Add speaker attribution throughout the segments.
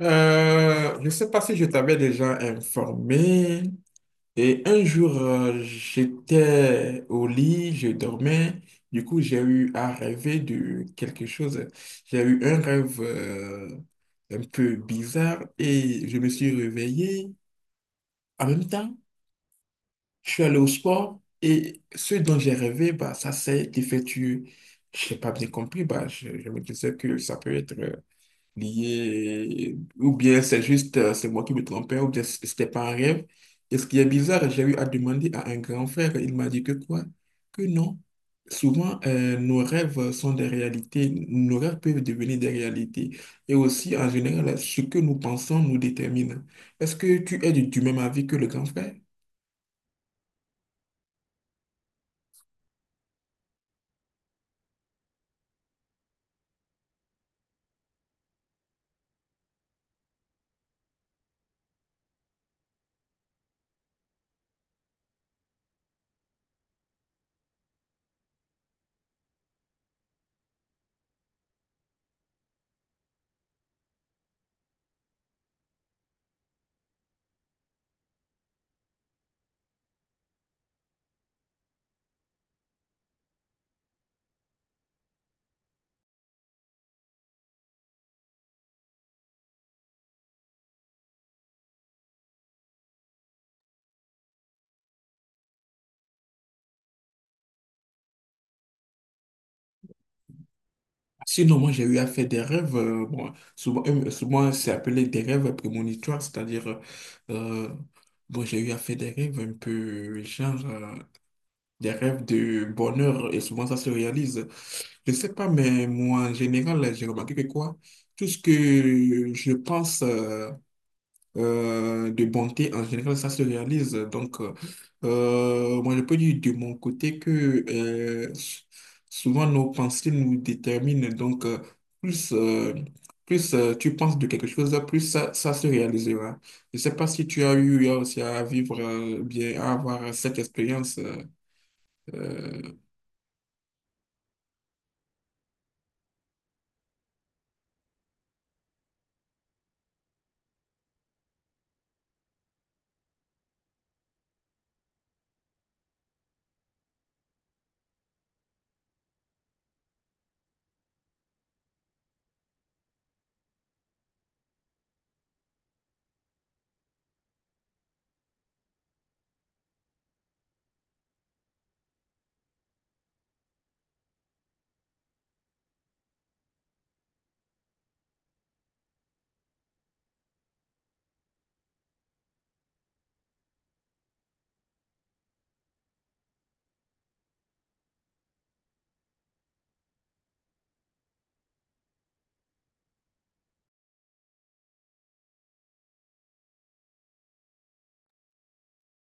Speaker 1: Je ne sais pas si je t'avais déjà informé. Et un jour, j'étais au lit, je dormais. Du coup, j'ai eu à rêver de quelque chose. J'ai eu un rêve un peu bizarre et je me suis réveillé. En même temps, je suis allé au sport et ce dont j'ai rêvé, bah, ça s'est effectué. Je n'ai pas bien compris. Bah, je me disais que ça peut être lié, ou bien c'est juste, c'est moi qui me trompais, ou bien c'était pas un rêve. Et ce qui est bizarre, j'ai eu à demander à un grand frère, il m'a dit que quoi? Que non. Souvent, nos rêves sont des réalités, nos rêves peuvent devenir des réalités. Et aussi, en général, ce que nous pensons nous détermine. Est-ce que tu es du même avis que le grand frère? Sinon, moi, j'ai eu à faire des rêves, bon, souvent c'est appelé des rêves prémonitoires, c'est-à-dire, euh, bon, j'ai eu à faire des rêves un peu, genre, des rêves de bonheur, et souvent ça se réalise. Je sais pas, mais moi, en général, j'ai remarqué que quoi, tout ce que je pense, de bonté, en général, ça se réalise. Donc, moi, je peux dire de mon côté que euh, s- souvent nos pensées nous déterminent. Donc, plus, euh, plus tu penses de quelque chose, plus ça se réalisera. Je ne sais pas si tu as eu aussi à vivre, bien, à avoir cette expérience. Euh.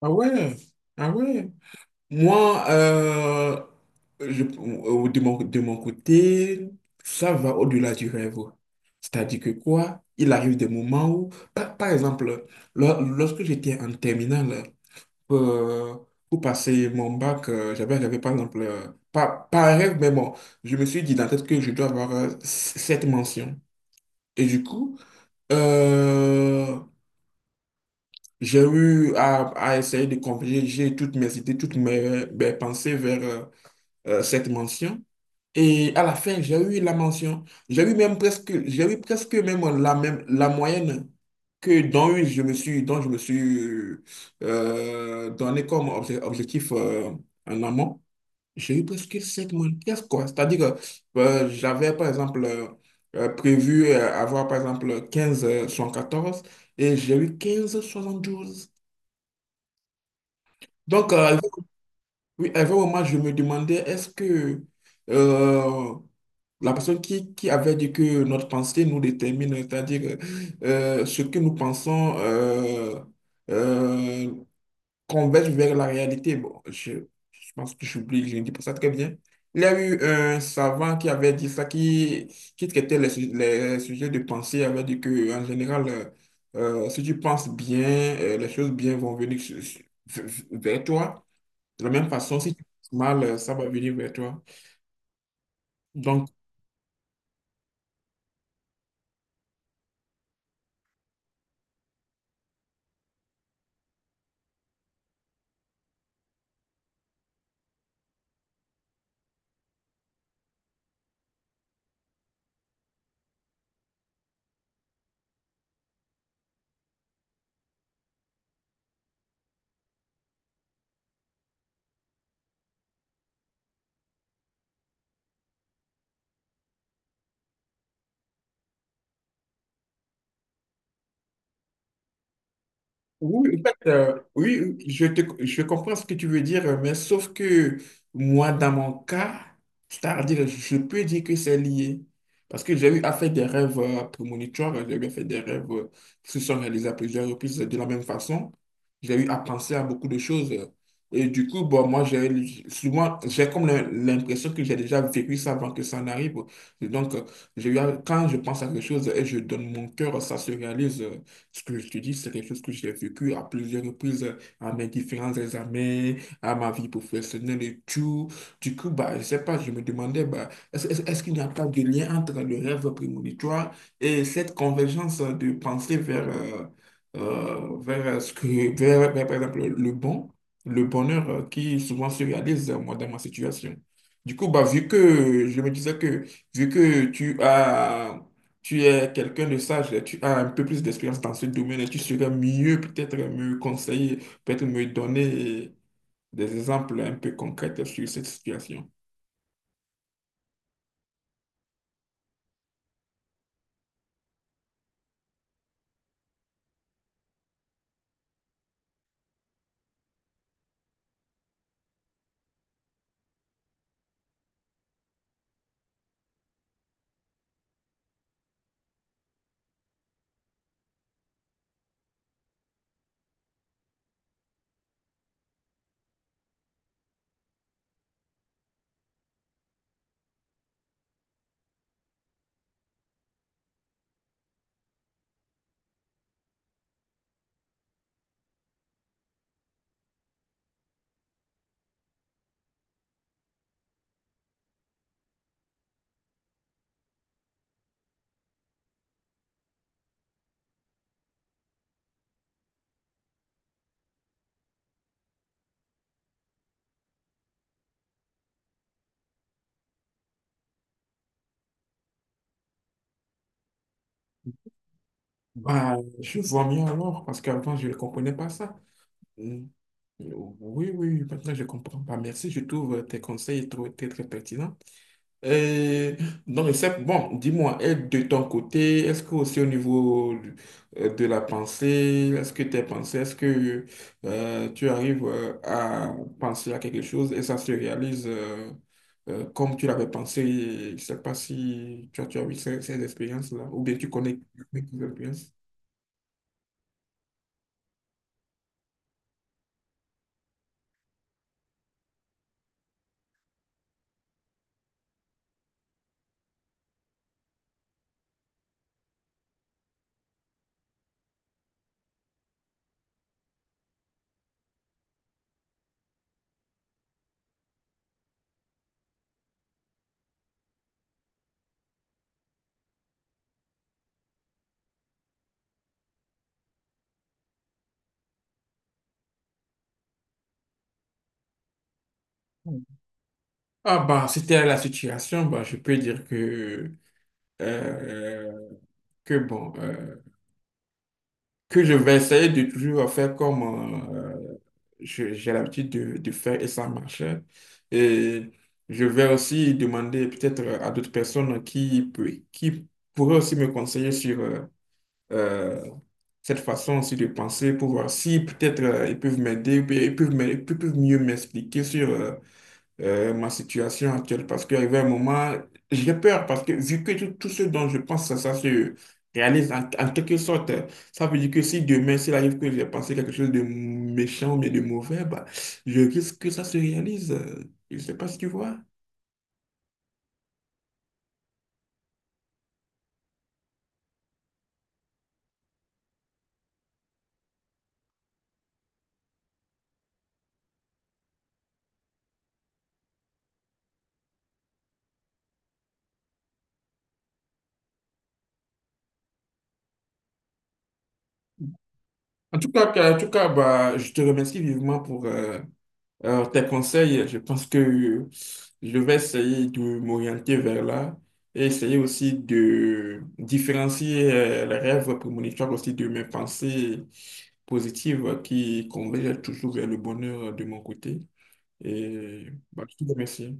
Speaker 1: Ah ouais, ah ouais. Moi, de mon côté, ça va au-delà du rêve. C'est-à-dire que quoi, il arrive des moments où, par exemple, lorsque j'étais en terminale, euh, pour passer mon bac, j'avais rêvé, par exemple, pas un rêve, mais bon, je me suis dit dans la tête que je dois avoir cette mention. Et du coup, euh, j'ai eu à essayer de converger toutes mes idées, toutes mes pensées vers... cette mention. Et à la fin, j'ai eu la mention. J'ai eu même presque, j'ai eu presque même, la moyenne que dont je me suis, dont je me suis donné comme objectif en amont. J'ai eu presque cette moyenne, presque quoi. C'est-à-dire que j'avais, par exemple, prévu avoir, par exemple, 15 14 et j'ai eu 15,72. Donc, oui, à un moment, je me demandais, est-ce que euh, La personne qui avait dit que notre pensée nous détermine, c'est-à-dire ce que nous pensons euh, converge vers la réalité. Bon, je pense que j'oublie, je ne dis pas ça très bien. Il y a eu un savant qui avait dit ça, qui traitait les sujets de pensée, avait dit que en général, si tu penses bien, les choses bien vont venir vers toi. De la même façon, si tu penses mal, ça va venir vers toi. Donc, oui, en fait, oui, je comprends ce que tu veux dire, mais sauf que moi, dans mon cas, c'est-à-dire, je peux dire que c'est lié. Parce que j'ai eu à faire des rêves prémonitoires, j'ai eu à faire des rêves qui se sont réalisés à plusieurs reprises de la même façon. J'ai eu à penser à beaucoup de choses. Et du coup, bon, moi, j'ai souvent, j'ai comme l'impression que j'ai déjà vécu ça avant que ça n'arrive. Et donc, j'ai quand je pense à quelque chose et je donne mon cœur, ça se réalise. Ce que je te dis, c'est quelque chose que j'ai vécu à plusieurs reprises à mes différents examens, à ma vie professionnelle et tout. Du coup, bah, je sais pas, je me demandais, bah, est-ce qu'il n'y a pas de lien entre le rêve prémonitoire et cette convergence de pensée vers, vers ce que, vers, vers, par exemple, le bonheur qui souvent se réalise, moi, dans ma situation. Du coup, bah, vu que je me disais que vu que tu es quelqu'un de sage, et tu as un peu plus d'expérience dans ce domaine et tu serais mieux peut-être me conseiller, peut-être me donner des exemples un peu concrets sur cette situation. Bah, je vois mieux alors, parce qu'avant, je ne comprenais pas ça. Mm. Oui, oui, maintenant, je comprends pas. Merci, je trouve tes conseils très, très pertinents. Et donc, c'est bon, dis-moi, et de ton côté, est-ce que aussi au niveau de la pensée, est-ce que tu arrives à penser à quelque chose et ça se réalise comme tu l'avais pensé? Je ne sais pas si tu as eu ces expériences-là ou bien tu connais des expériences. Mm. Ah bah, c'était la situation, bah, je peux dire euh, que bon, que je vais essayer de toujours faire comme euh, j'ai l'habitude de faire et ça marche. Et je vais aussi demander peut-être à d'autres personnes qui pourraient aussi me conseiller sur euh, cette façon aussi de penser pour voir si peut-être ils peuvent m'aider, ou bien ils peuvent mieux m'expliquer sur ma situation actuelle parce qu'il y avait un moment, j'ai peur parce que vu que tout ce dont je pense, ça se réalise en quelque sorte, ça veut dire que si demain, s'il arrive que j'ai pensé quelque chose de méchant ou bien de mauvais, bah, je risque que ça se réalise. Je ne sais pas si tu vois. En tout cas, en tout cas bah, je te remercie vivement pour. Alors, tes conseils, je pense que je vais essayer de m'orienter vers là et essayer aussi de différencier les rêves prémonitoires aussi de mes pensées positives qui convergent toujours vers le bonheur de mon côté. Et bah, je te remercie.